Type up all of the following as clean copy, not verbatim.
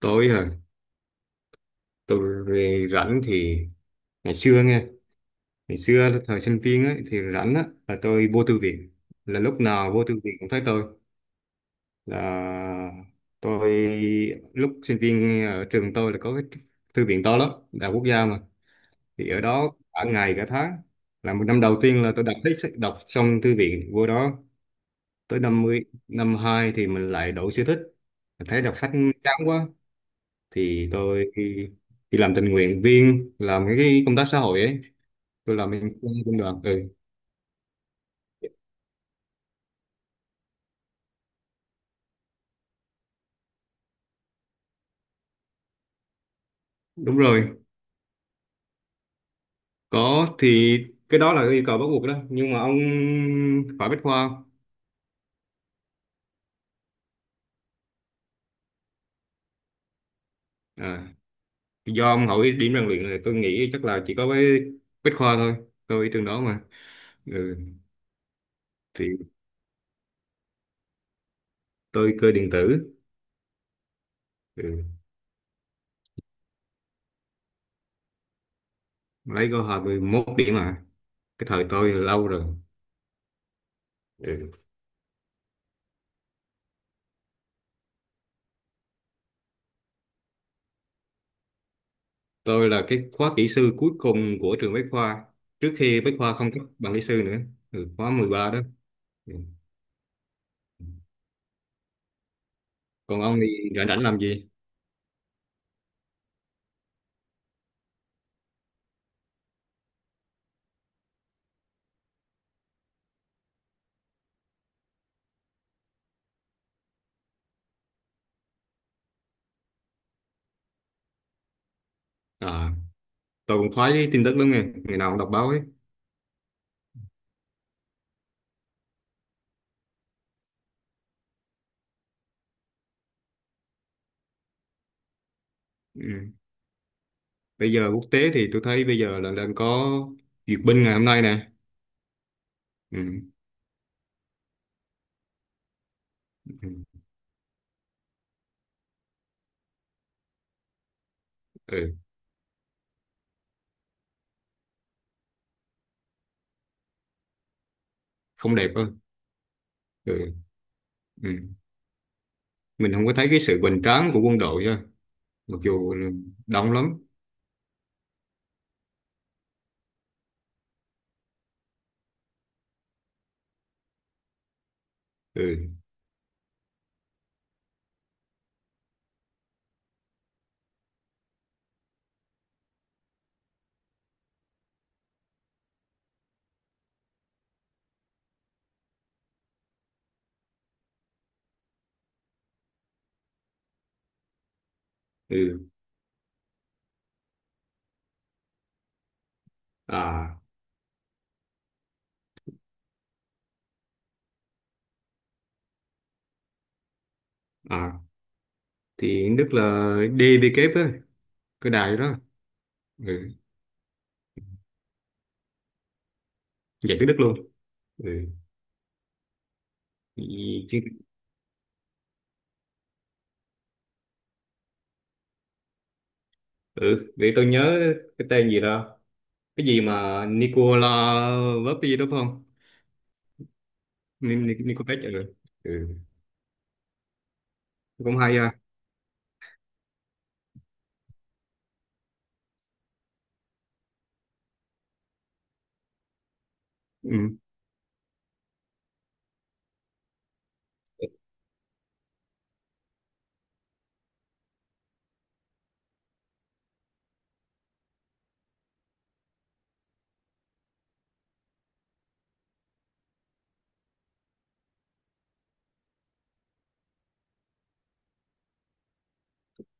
Tối hả? Tôi về rảnh thì ngày xưa nghe, ngày xưa là thời sinh viên ấy, thì rảnh á là tôi vô thư viện. Là lúc nào vô thư viện cũng thấy tôi. Là tôi lúc sinh viên ở trường tôi là có cái thư viện to lắm, đại học quốc gia mà. Thì ở đó cả ngày cả tháng. Là một năm đầu tiên là tôi đọc hết sách- đọc xong thư viện vô đó. Tới năm mươi năm hai thì mình lại đổi sở thích. Mình thấy đọc sách chán quá thì tôi đi, đi làm tình nguyện viên làm cái công tác xã hội ấy, tôi làm bên quân quân đoàn. Ừ, đúng rồi, có thì cái đó là cái yêu cầu bắt buộc đó, nhưng mà ông phải bách khoa. À, do ông hỏi điểm rèn luyện này tôi nghĩ chắc là chỉ có với bách khoa thôi, tôi trường đó mà. Ừ. Thì tôi cơ điện tử. Ừ, lấy có 21 điểm mà, cái thời tôi là lâu rồi. Ừ. Tôi là cái khóa kỹ sư cuối cùng của trường Bách Khoa, trước khi Bách Khoa không cấp bằng kỹ sư nữa. Ừ, khóa 13 đó. Ừ. Còn ông thì rảnh rảnh làm gì? À, tôi cũng khoái cái tin tức lắm nghe, ngày nào cũng đọc báo ấy. Ừ, bây giờ quốc tế thì tôi thấy bây giờ là đang có duyệt binh ngày hôm nay nè. Ừ. Ừ. Ừ. Không đẹp đâu. Ừ. Ừ. Mình không có thấy cái sự hoành tráng của quân đội á, mặc dù đông lắm. Ừ. Ừ. À. À, thì Đức là DW kép á, cái đài đó. Ừ. Dạy tiếng Đức luôn. Ừ. Gì chứ? Ừ, để tôi nhớ cái tên gì đó. Cái gì mà Nicola Vấp cái gì đó phải không? Nicotech. Ừ. Ừ. Cũng hay ha. Ừ.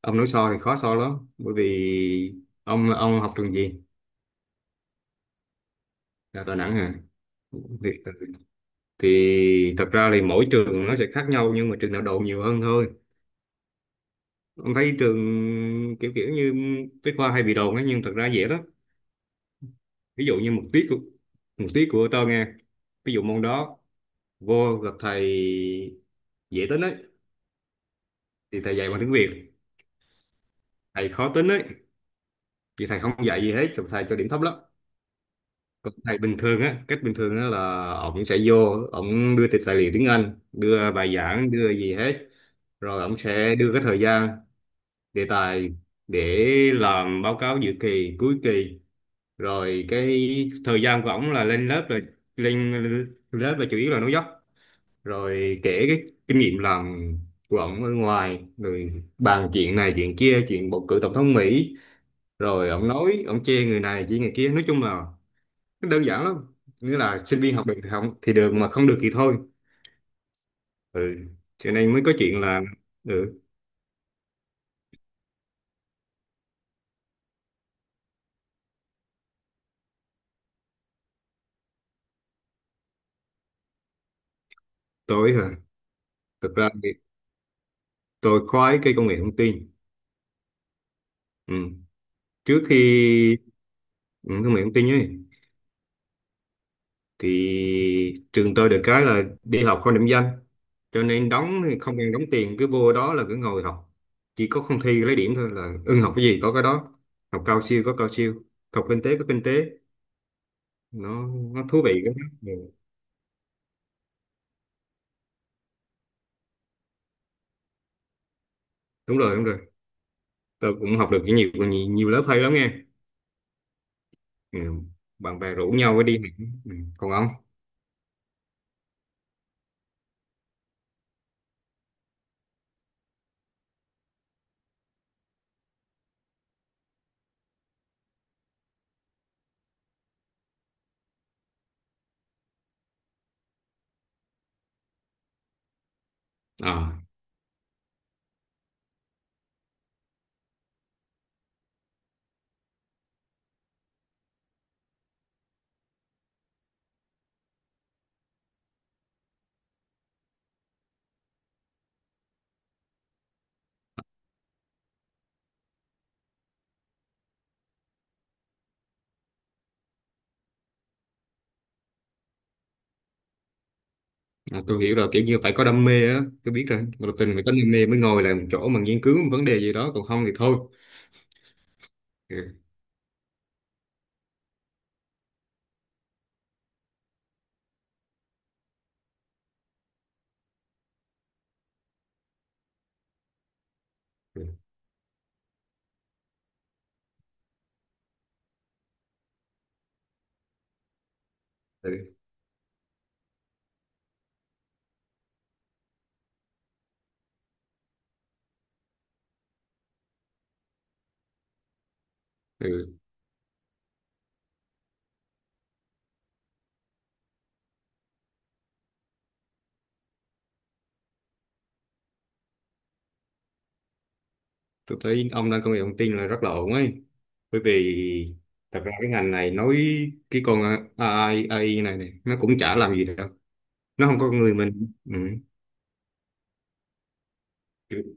Ông nói so thì khó so lắm. Bởi vì ông học trường gì? Là Đà Nẵng hả? Thì, thì thật ra thì mỗi trường nó sẽ khác nhau, nhưng mà trường nào đồn nhiều hơn thôi. Ông thấy trường kiểu kiểu như Bách Khoa hay bị đồn ấy, nhưng thật ra dễ lắm. Ví dụ như một tiết của tôi nghe, ví dụ môn đó vô gặp thầy dễ tính ấy thì thầy dạy bằng tiếng Việt, thầy khó tính ấy thì thầy không dạy gì hết, thầy cho điểm thấp lắm. Còn thầy bình thường á, cách bình thường á là ổng sẽ vô, ổng đưa tài liệu tiếng Anh, đưa bài giảng, đưa gì hết, rồi ổng sẽ đưa cái thời gian, đề tài để làm báo cáo dự kỳ cuối kỳ. Rồi cái thời gian của ổng là lên lớp, là lên lớp là chủ yếu là nói dốc, rồi kể cái kinh nghiệm làm của ông ở ngoài, rồi bàn chuyện này chuyện kia, chuyện bầu cử tổng thống Mỹ, rồi ông nói ông chê người này chê người kia. Nói chung là nó đơn giản lắm, nghĩa là sinh viên học được thì không thì được, mà không được thì thôi. Ừ, cho nên mới có chuyện là ừ, tôi hả, thực ra thì tôi khoái cái công nghệ thông tin. Ừ. Trước khi ừ, công nghệ thông tin ấy, thì trường tôi được cái là đi học không điểm danh, cho nên đóng thì không cần đóng tiền, cứ vô đó là cứ ngồi học. Chỉ có không thi lấy điểm thôi, là ưng học cái gì có cái đó. Học cao siêu có cao siêu, học kinh tế có kinh tế. nó nó thú vị cái đó. Ừ. Đúng rồi, đúng rồi, tôi cũng học được nhiều nhiều, nhiều lớp hay lắm nghe. Ừ. Bạn bè rủ nhau đi học. Ừ. Còn ông? À, à tôi hiểu rồi, kiểu như phải có đam mê á, tôi biết rồi, một tình phải có đam mê mới ngồi lại một chỗ mà nghiên cứu một vấn đề gì đó, còn không thì thôi. Ừ. Ừ. Ừ. Ừ. Tôi thấy ông đang công nghệ thông tin là rất là ổn ấy, bởi vì thật ra cái ngành này nói, cái con AI, AI này này nó cũng chả làm gì đâu, nó không có con người mình. Ừ. Kiểu-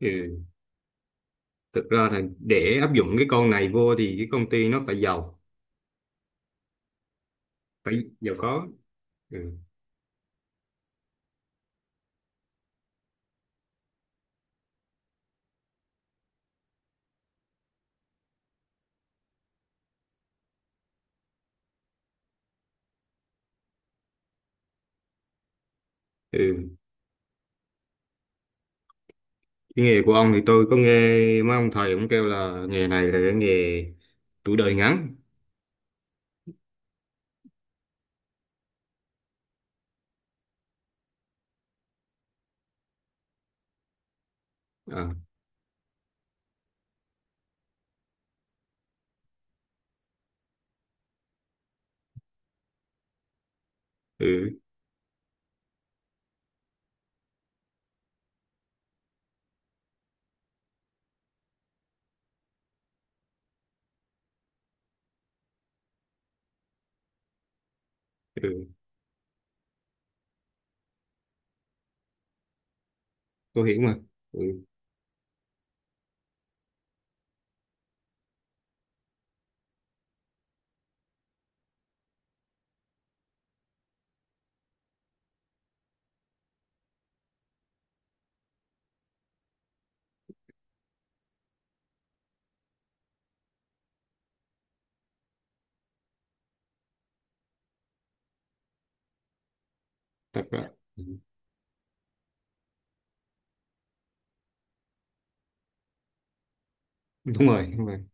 ừ. Thực ra là để áp dụng cái con này vô thì cái công ty nó phải giàu, phải giàu có. Ừ. Ừ. Cái nghề của ông thì tôi có nghe mấy ông thầy cũng kêu là nghề này là cái nghề tuổi đời ngắn. À. Ừ. Ừ. Tôi hiểu mà. Ừ. Thật ra ừ. Đúng rồi, đúng rồi,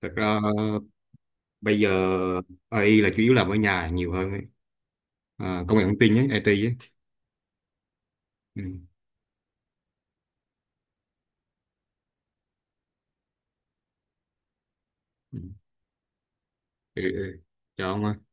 thật ra bây giờ AI là chủ yếu làm ở nhà nhiều hơn ấy. À, công nghệ thông tin ấy, IT ấy. Ừ. Ừ. Ừ. Ừ. Chào ông.